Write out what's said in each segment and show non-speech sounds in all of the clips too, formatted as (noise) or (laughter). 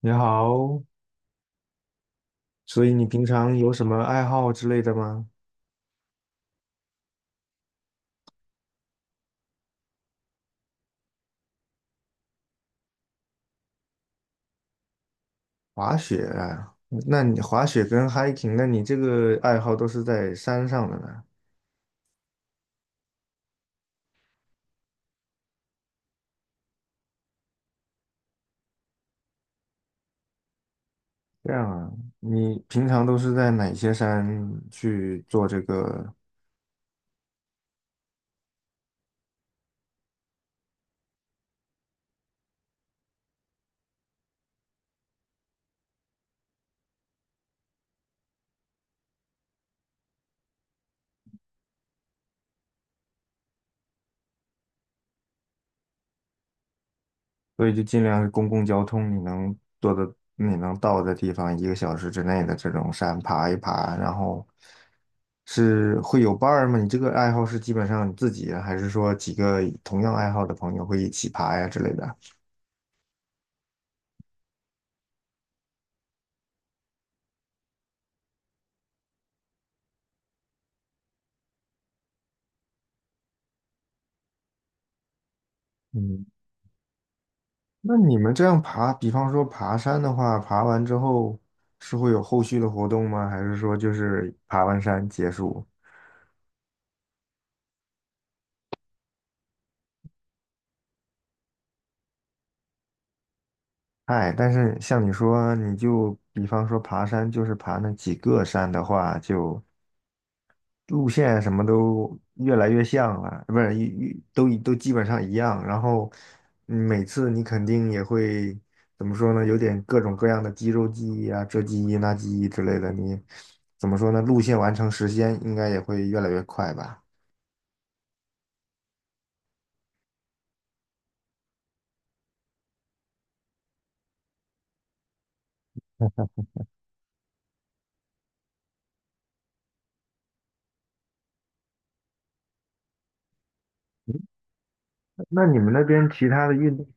你好，所以你平常有什么爱好之类的吗？滑雪啊，那你滑雪跟 hiking，那你这个爱好都是在山上的呢？这样啊，你平常都是在哪些山去做这个？所以就尽量是公共交通你能做的、你能到的地方，1个小时之内的这种山爬一爬，然后是会有伴儿吗？你这个爱好是基本上你自己，还是说几个同样爱好的朋友会一起爬呀之类的？嗯。那你们这样爬，比方说爬山的话，爬完之后是会有后续的活动吗？还是说就是爬完山结束？哎，但是像你说，你就比方说爬山，就是爬那几个山的话，就路线什么都越来越像了，不是，一都基本上一样。然后每次你肯定也会怎么说呢？有点各种各样的肌肉记忆啊，这记忆那记忆之类的。你怎么说呢？路线完成时间应该也会越来越快吧？那你们那边其他的运动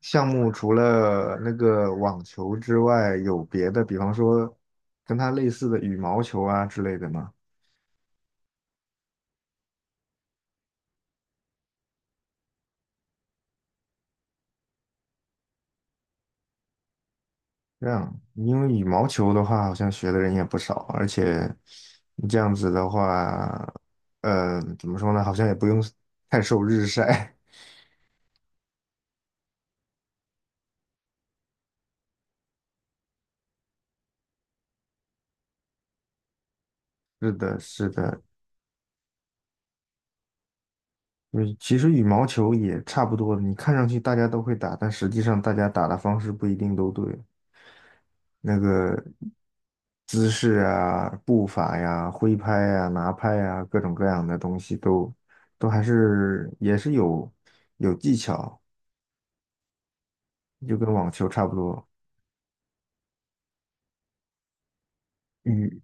项目除了那个网球之外，有别的，比方说跟它类似的羽毛球啊之类的吗？这样，因为羽毛球的话，好像学的人也不少，而且你这样子的话，怎么说呢？好像也不用 (laughs) 太受日晒。(laughs) 是的，是的，嗯，其实羽毛球也差不多，你看上去大家都会打，但实际上大家打的方式不一定都对，那个姿势啊、步伐呀、挥拍呀、拿拍呀，各种各样的东西都还是也是有技巧，就跟网球差不多。羽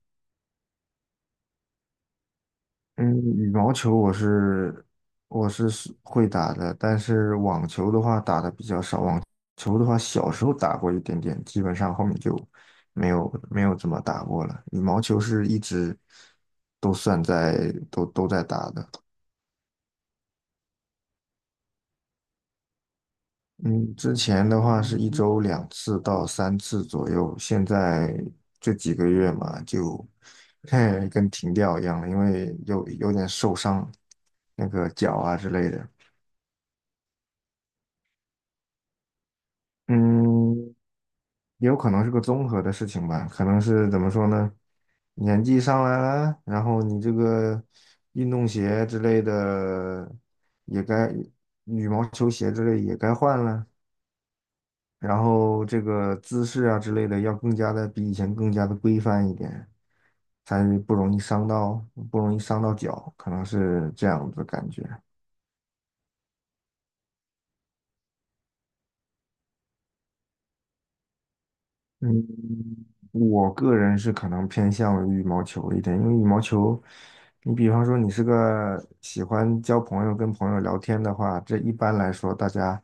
嗯，羽毛球我是会打的，但是网球的话打的比较少。网球的话，小时候打过一点点，基本上后面就没有怎么打过了。羽毛球是一直都在打的。嗯，之前的话是1周2次到3次左右，现在这几个月嘛，就 (laughs) 嘿，跟停掉一样了，因为有点受伤，那个脚啊之类的。嗯，也有可能是个综合的事情吧，可能是怎么说呢？年纪上来了，然后你这个运动鞋之类的也该，羽毛球鞋之类也该换了，然后这个姿势啊之类的要更加的比以前更加的规范一点，才不容易伤到，不容易伤到脚，可能是这样子的感觉。嗯，我个人是可能偏向于羽毛球一点，因为羽毛球，你比方说你是个喜欢交朋友、跟朋友聊天的话，这一般来说大家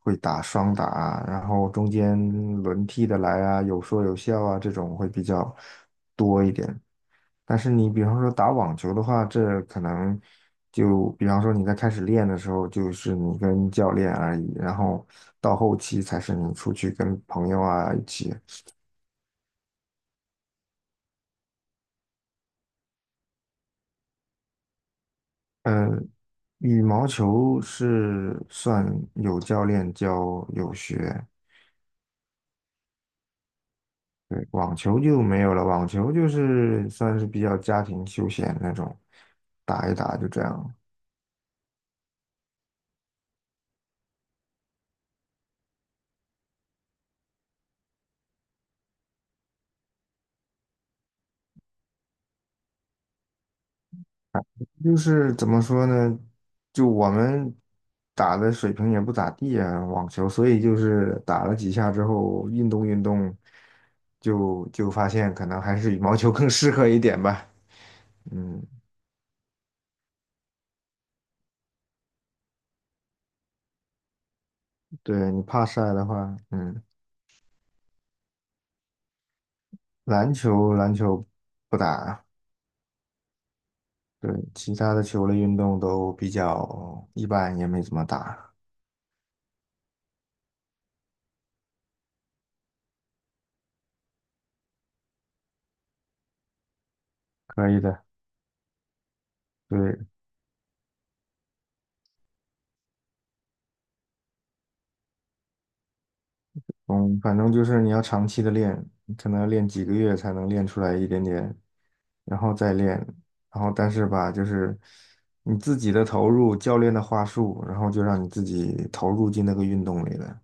会打双打啊然后中间轮替的来啊，有说有笑啊，这种会比较多一点。但是你比方说打网球的话，这可能就比方说你在开始练的时候，就是你跟教练而已，然后到后期才是你出去跟朋友啊一起。呃，羽毛球是算有教练教有学，对，网球就没有了。网球就是算是比较家庭休闲那种，打一打就这样。就是怎么说呢，就我们打的水平也不咋地啊，网球，所以就是打了几下之后运动运动，就发现可能还是羽毛球更适合一点吧。嗯，对，你怕晒的话，嗯。篮球不打，对，其他的球类运动都比较一般，也没怎么打。可以的，对，嗯，反正就是你要长期的练，可能要练几个月才能练出来一点点，然后再练，然后但是吧，就是你自己的投入，教练的话术，然后就让你自己投入进那个运动里了，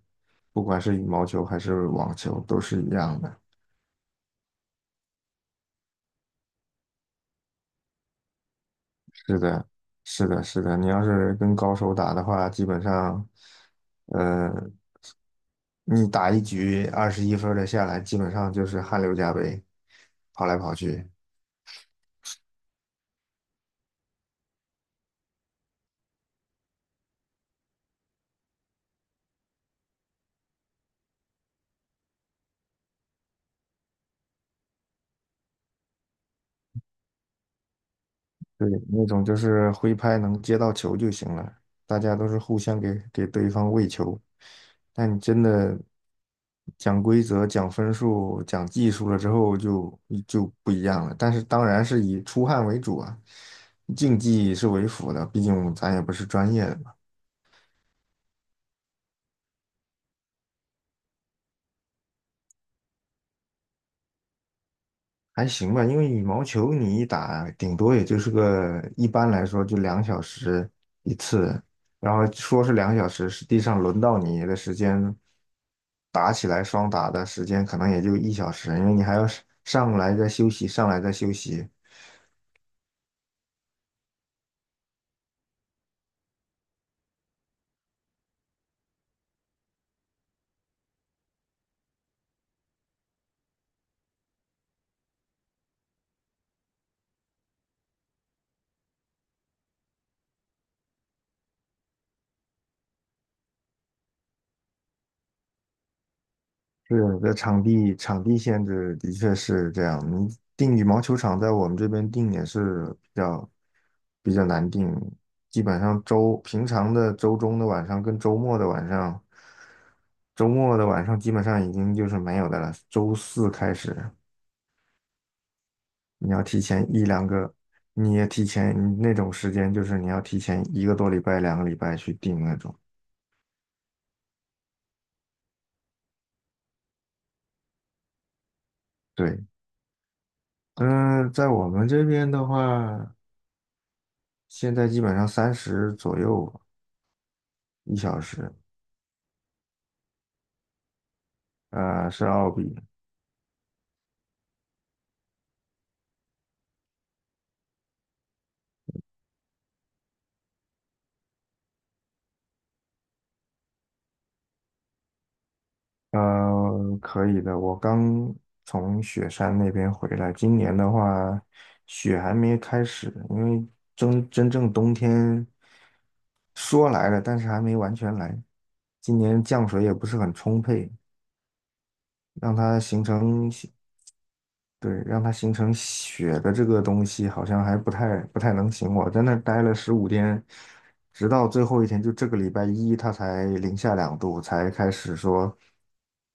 不管是羽毛球还是网球，都是一样的。是的，是的，是的。你要是跟高手打的话，基本上，呃，你打一局21分儿的下来，基本上就是汗流浃背，跑来跑去。对，那种就是挥拍能接到球就行了，大家都是互相给对方喂球。但你真的讲规则、讲分数、讲技术了之后就，就不一样了。但是当然是以出汗为主啊，竞技是为辅的，毕竟咱也不是专业的。还行吧，因为羽毛球你一打，顶多也就是个，一般来说就两小时一次，然后说是两小时，实际上轮到你的时间，打起来双打的时间可能也就一小时，因为你还要上来再休息，上来再休息。是的，场地限制的确是这样。你定羽毛球场在我们这边定也是比较难定，基本上周平常的周中的晚上跟周末的晚上，周末的晚上基本上已经就是没有的了。周四开始，你要提前一两个，你也提前你那种时间，就是你要提前1个多礼拜、2个礼拜去定那种。对，嗯，在我们这边的话，现在基本上30左右，一小时，是奥比，可以的。我刚从雪山那边回来，今年的话，雪还没开始，因为真正冬天说来了，但是还没完全来。今年降水也不是很充沛，让它形成对，让它形成雪的这个东西，好像还不太能行。我在那儿待了15天，直到最后一天，就这个礼拜一，它才零下2度，才开始说，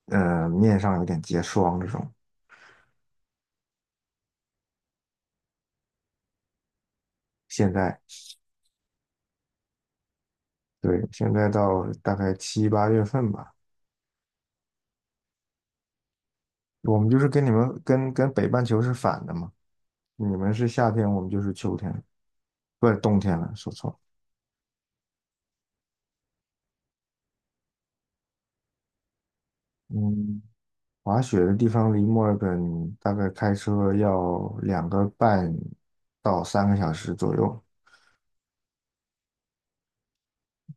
面上有点结霜这种。现在，对，现在到大概7、8月份吧，我们就是跟你们跟北半球是反的嘛，你们是夏天，我们就是秋天，不是冬天了，说错了。嗯，滑雪的地方离墨尔本大概开车要2个半到3个小时左右。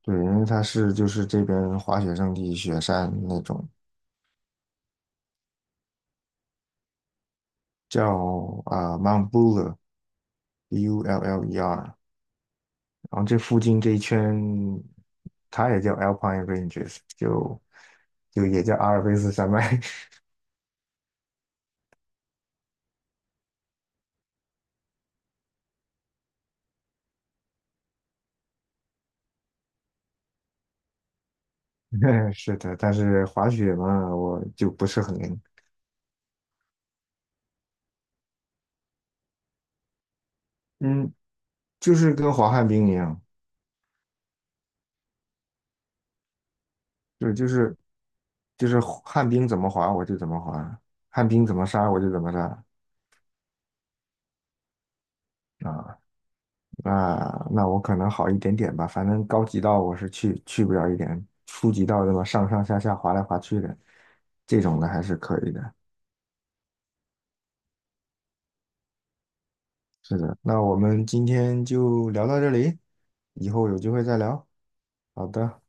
对，因为它是就是这边滑雪胜地雪山那种，叫Mount Buller，Buller。然后这附近这一圈，它也叫 Alpine Ranges，就也叫阿尔卑斯山脉。(laughs) 是的，但是滑雪嘛，我就不是很灵。嗯，就是跟滑旱冰一样。对，就是旱冰怎么滑我就怎么滑，旱冰怎么杀我就怎么杀啊。那我可能好一点点吧，反正高级道我是去不了一点，初级道对么上上下下滑来滑去的，这种的还是可以的。是的，那我们今天就聊到这里，以后有机会再聊。好的。